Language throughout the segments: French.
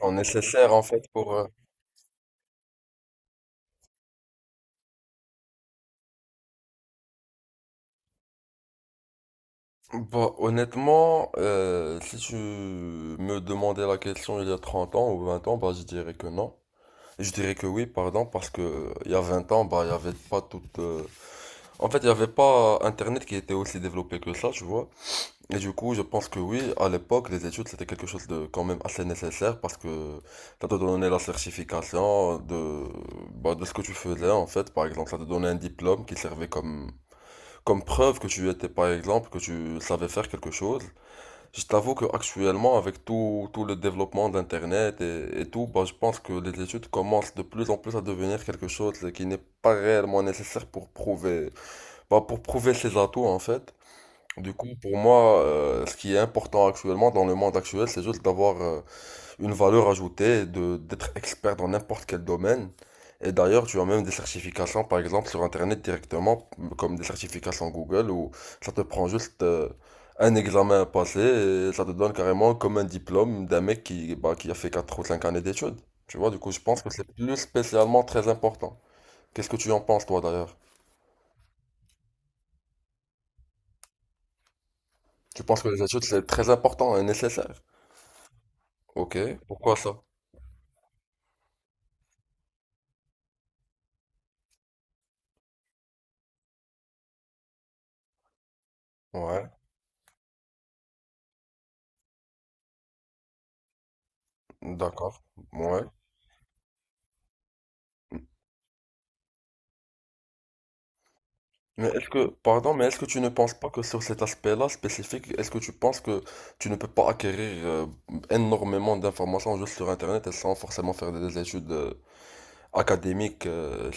En nécessaire en fait pour honnêtement si tu me demandais la question il y a 30 ans ou 20 ans, bah je dirais que non. Je dirais que oui, pardon, parce que il y a 20 ans, bah il y avait pas toute en fait il y avait pas internet qui était aussi développé que ça, tu vois. Et du coup je pense que oui, à l'époque les études c'était quelque chose de quand même assez nécessaire, parce que ça te donnait la certification de, bah, de ce que tu faisais en fait. Par exemple ça te donnait un diplôme qui servait comme comme preuve que tu étais, par exemple, que tu savais faire quelque chose. Je t'avoue qu'actuellement, avec tout, tout le développement d'Internet et tout, bah, je pense que les études commencent de plus en plus à devenir quelque chose qui n'est pas réellement nécessaire pour prouver, bah, pour prouver ses atouts, en fait. Du coup, pour moi, ce qui est important actuellement dans le monde actuel, c'est juste d'avoir, une valeur ajoutée, de d'être expert dans n'importe quel domaine. Et d'ailleurs, tu as même des certifications, par exemple, sur Internet directement, comme des certifications Google, où ça te prend juste un examen à passer, et ça te donne carrément comme un diplôme d'un mec qui, bah, qui a fait 4 ou 5 années d'études. Tu vois, du coup, je pense que c'est plus spécialement très important. Qu'est-ce que tu en penses, toi, d'ailleurs? Tu penses que les études, c'est très important et nécessaire? Ok, pourquoi ça? Ouais, d'accord. Ouais. Mais est-ce que, pardon, mais est-ce que tu ne penses pas que sur cet aspect-là spécifique, est-ce que tu penses que tu ne peux pas acquérir énormément d'informations juste sur Internet et sans forcément faire des études académiques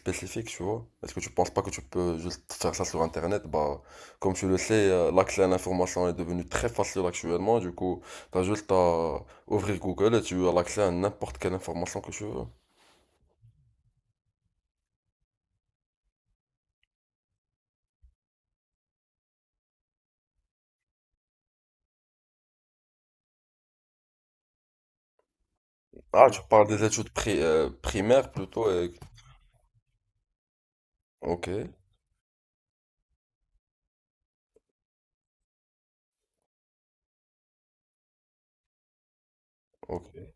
spécifiques, tu vois? Est-ce que tu penses pas que tu peux juste faire ça sur Internet? Bah, comme tu le sais, l'accès à l'information est devenu très facile actuellement, du coup, t'as juste à ouvrir Google et tu as l'accès à n'importe quelle information que tu veux. Ah, tu parles des études primaires plutôt, et... Ok, ok,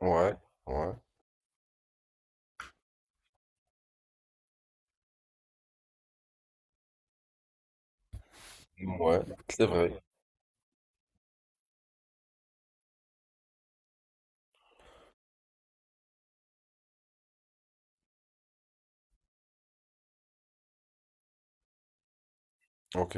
ouais. Ouais. Ouais, c'est vrai. Ok.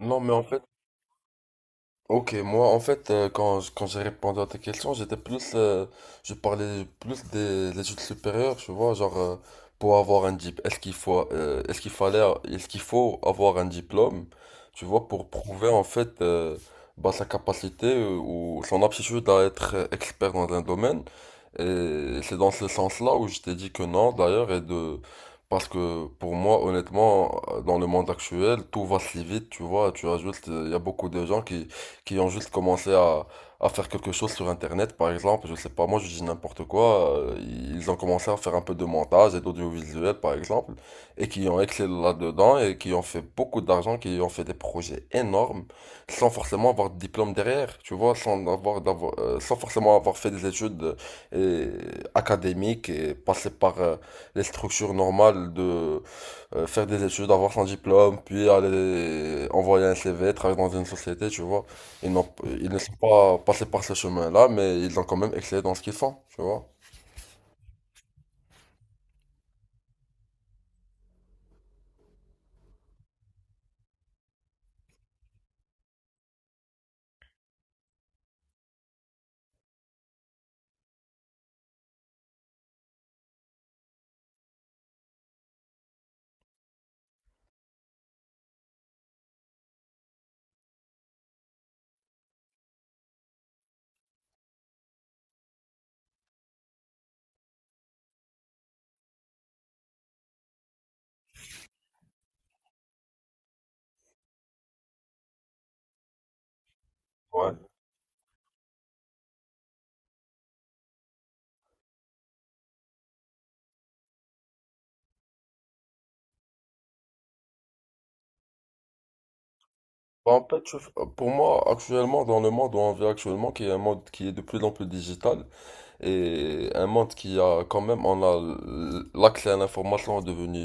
Non, mais en fait, ok, moi en fait quand j'ai répondu à ta question, j'étais plus je parlais plus des études supérieures, tu vois, genre pour avoir un diplôme, est-ce qu'il faut avoir un diplôme, tu vois, pour prouver en fait bah, sa capacité ou son aptitude à être expert dans un domaine. Et c'est dans ce sens-là où je t'ai dit que non d'ailleurs et de parce que pour moi, honnêtement, dans le monde actuel, tout va si vite, tu vois. Tu as juste, il y a beaucoup de gens qui ont juste commencé à faire quelque chose sur Internet, par exemple, je sais pas, moi je dis n'importe quoi, ils ont commencé à faire un peu de montage et d'audiovisuel, par exemple, et qui ont excellé là-dedans et qui ont fait beaucoup d'argent, qui ont fait des projets énormes, sans forcément avoir de diplôme derrière, tu vois, sans forcément avoir fait des études euh, et académiques et passer par les structures normales de faire des études, avoir son diplôme, puis aller envoyer un CV, travailler dans une société, tu vois. Ils n'ont, ils ne sont pas passés par ce chemin-là, mais ils ont quand même excellé dans ce qu'ils font, tu vois. Ouais. Bah, en fait, pour moi, actuellement, dans le monde où on vit actuellement, qui est un monde qui est de plus en plus digital, et un monde qui a quand même, on a l'accès à l'information est devenu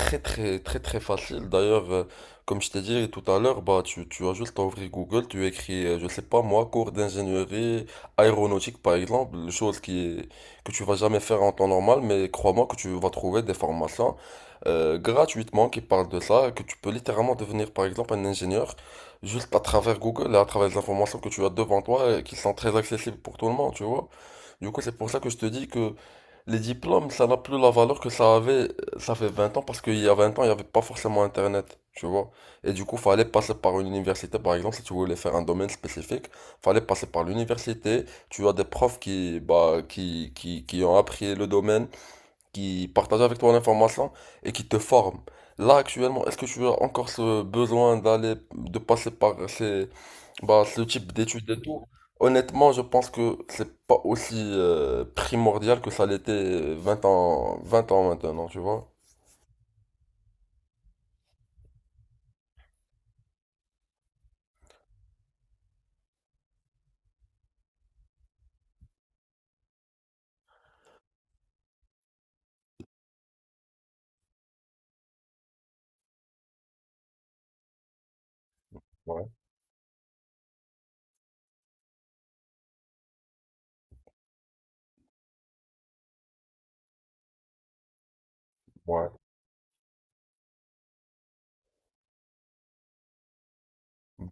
très très très facile. D'ailleurs, comme je t'ai dit tout à l'heure, bah tu as juste à ouvrir Google, tu écris, je sais pas moi, cours d'ingénierie aéronautique par exemple, que tu vas jamais faire en temps normal, mais crois-moi que tu vas trouver des formations gratuitement qui parlent de ça, que tu peux littéralement devenir par exemple un ingénieur juste à travers Google et à travers les informations que tu as devant toi et qui sont très accessibles pour tout le monde, tu vois. Du coup, c'est pour ça que je te dis que les diplômes, ça n'a plus la valeur que ça avait, ça fait 20 ans, parce qu'il y a 20 ans, il n'y avait pas forcément Internet, tu vois. Et du coup, fallait passer par une université, par exemple, si tu voulais faire un domaine spécifique, fallait passer par l'université. Tu as des profs qui, bah, qui ont appris le domaine, qui partagent avec toi l'information et qui te forment. Là, actuellement, est-ce que tu as encore ce besoin d'aller, de passer par ces, bah, ce type d'études et tout, honnêtement, je pense que c'est pas aussi primordial que ça l'était 20 ans, 20 ans maintenant, tu vois. Ouais, ouais.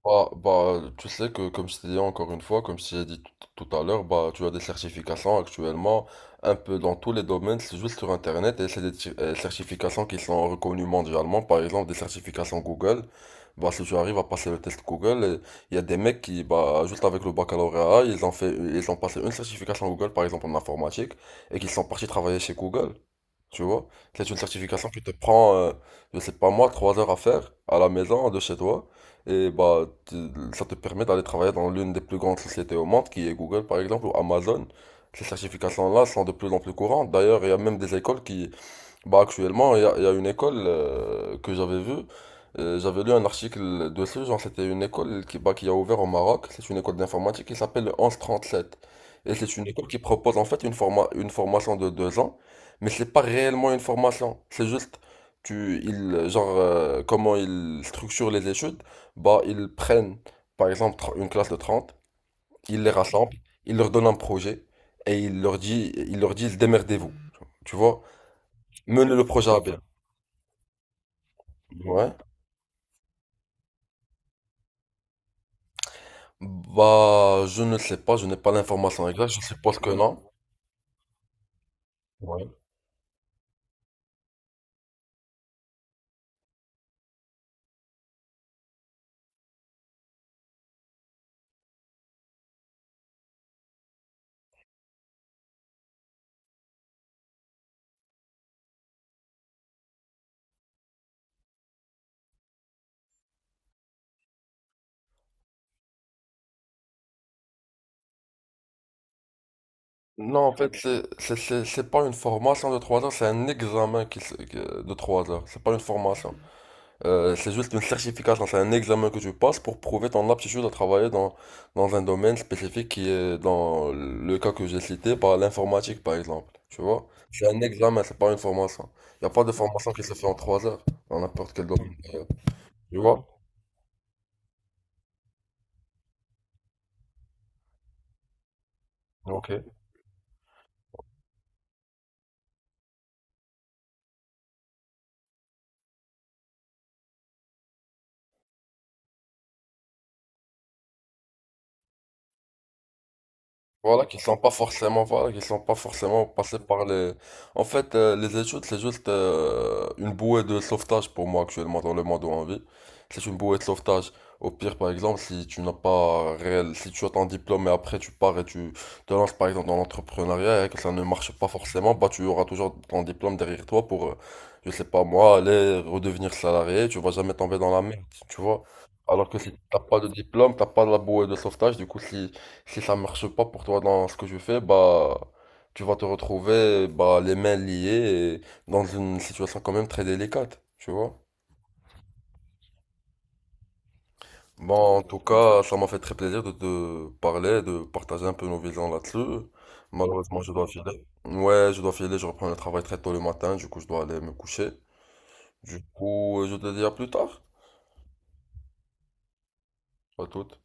Bah, tu sais que, comme je t'ai dit encore une fois, comme je t'ai dit tout à l'heure, bah, tu as des certifications actuellement, un peu dans tous les domaines, c'est juste sur Internet, et c'est des certifications qui sont reconnues mondialement, par exemple des certifications Google. Bah, si tu arrives à passer le test Google, il y a des mecs qui, bah, juste avec le baccalauréat, ils ont passé une certification Google, par exemple en informatique, et qui sont partis travailler chez Google. Tu vois, c'est une certification qui te prend, je sais pas moi, 3 heures à faire à la maison, de chez toi. Et bah, ça te permet d'aller travailler dans l'une des plus grandes sociétés au monde, qui est Google par exemple, ou Amazon. Ces certifications-là sont de plus en plus courantes. D'ailleurs, il y a même des écoles qui, bah actuellement, il y a une école que j'avais vue. J'avais lu un article dessus, genre c'était une école qui, bah, qui a ouvert au Maroc. C'est une école d'informatique qui s'appelle le sept. Et c'est une école qui propose en fait une formation de 2 ans, mais c'est pas réellement une formation. C'est juste tu ils genre comment ils structurent les études. Bah ils prennent par exemple une classe de 30, ils les rassemblent, ils leur donnent un projet et ils leur disent démerdez-vous. Tu vois? Menez le projet à bien. Ouais. Bah, je ne sais pas, je n'ai pas l'information exacte, je suppose que non. Non, en fait, c'est pas une formation de 3 heures, c'est un examen de 3 heures. C'est pas une formation. C'est juste une certification, c'est un examen que tu passes pour prouver ton aptitude à travailler dans, dans un domaine spécifique qui est, dans le cas que j'ai cité, par l'informatique par exemple. Tu vois? C'est un examen, c'est pas une formation. Il n'y a pas de formation qui se fait en 3 heures, dans n'importe quel domaine. D'ailleurs. Tu vois? Ok. Voilà, qui sont pas forcément, voilà, qui sont pas forcément passés par les. En fait, les études, c'est juste une bouée de sauvetage pour moi actuellement dans le monde où on vit. C'est une bouée de sauvetage. Au pire, par exemple, si tu n'as pas réel, si tu as ton diplôme et après tu pars et tu te lances par exemple dans l'entrepreneuriat et que ça ne marche pas forcément, bah tu auras toujours ton diplôme derrière toi pour, je sais pas moi, aller redevenir salarié. Tu vas jamais tomber dans la merde, tu vois. Alors que si t'as pas de diplôme, t'as pas la bouée de sauvetage. Du coup, si ça marche pas pour toi dans ce que je fais, bah tu vas te retrouver bah, les mains liées et dans une situation quand même très délicate, tu vois. Bon, en tout cas, ça m'a fait très plaisir de te parler, de partager un peu nos visions là-dessus. Malheureusement, je dois filer. Ouais, je dois filer, je reprends le travail très tôt le matin, du coup, je dois aller me coucher. Du coup, je te dis à plus tard. À toute.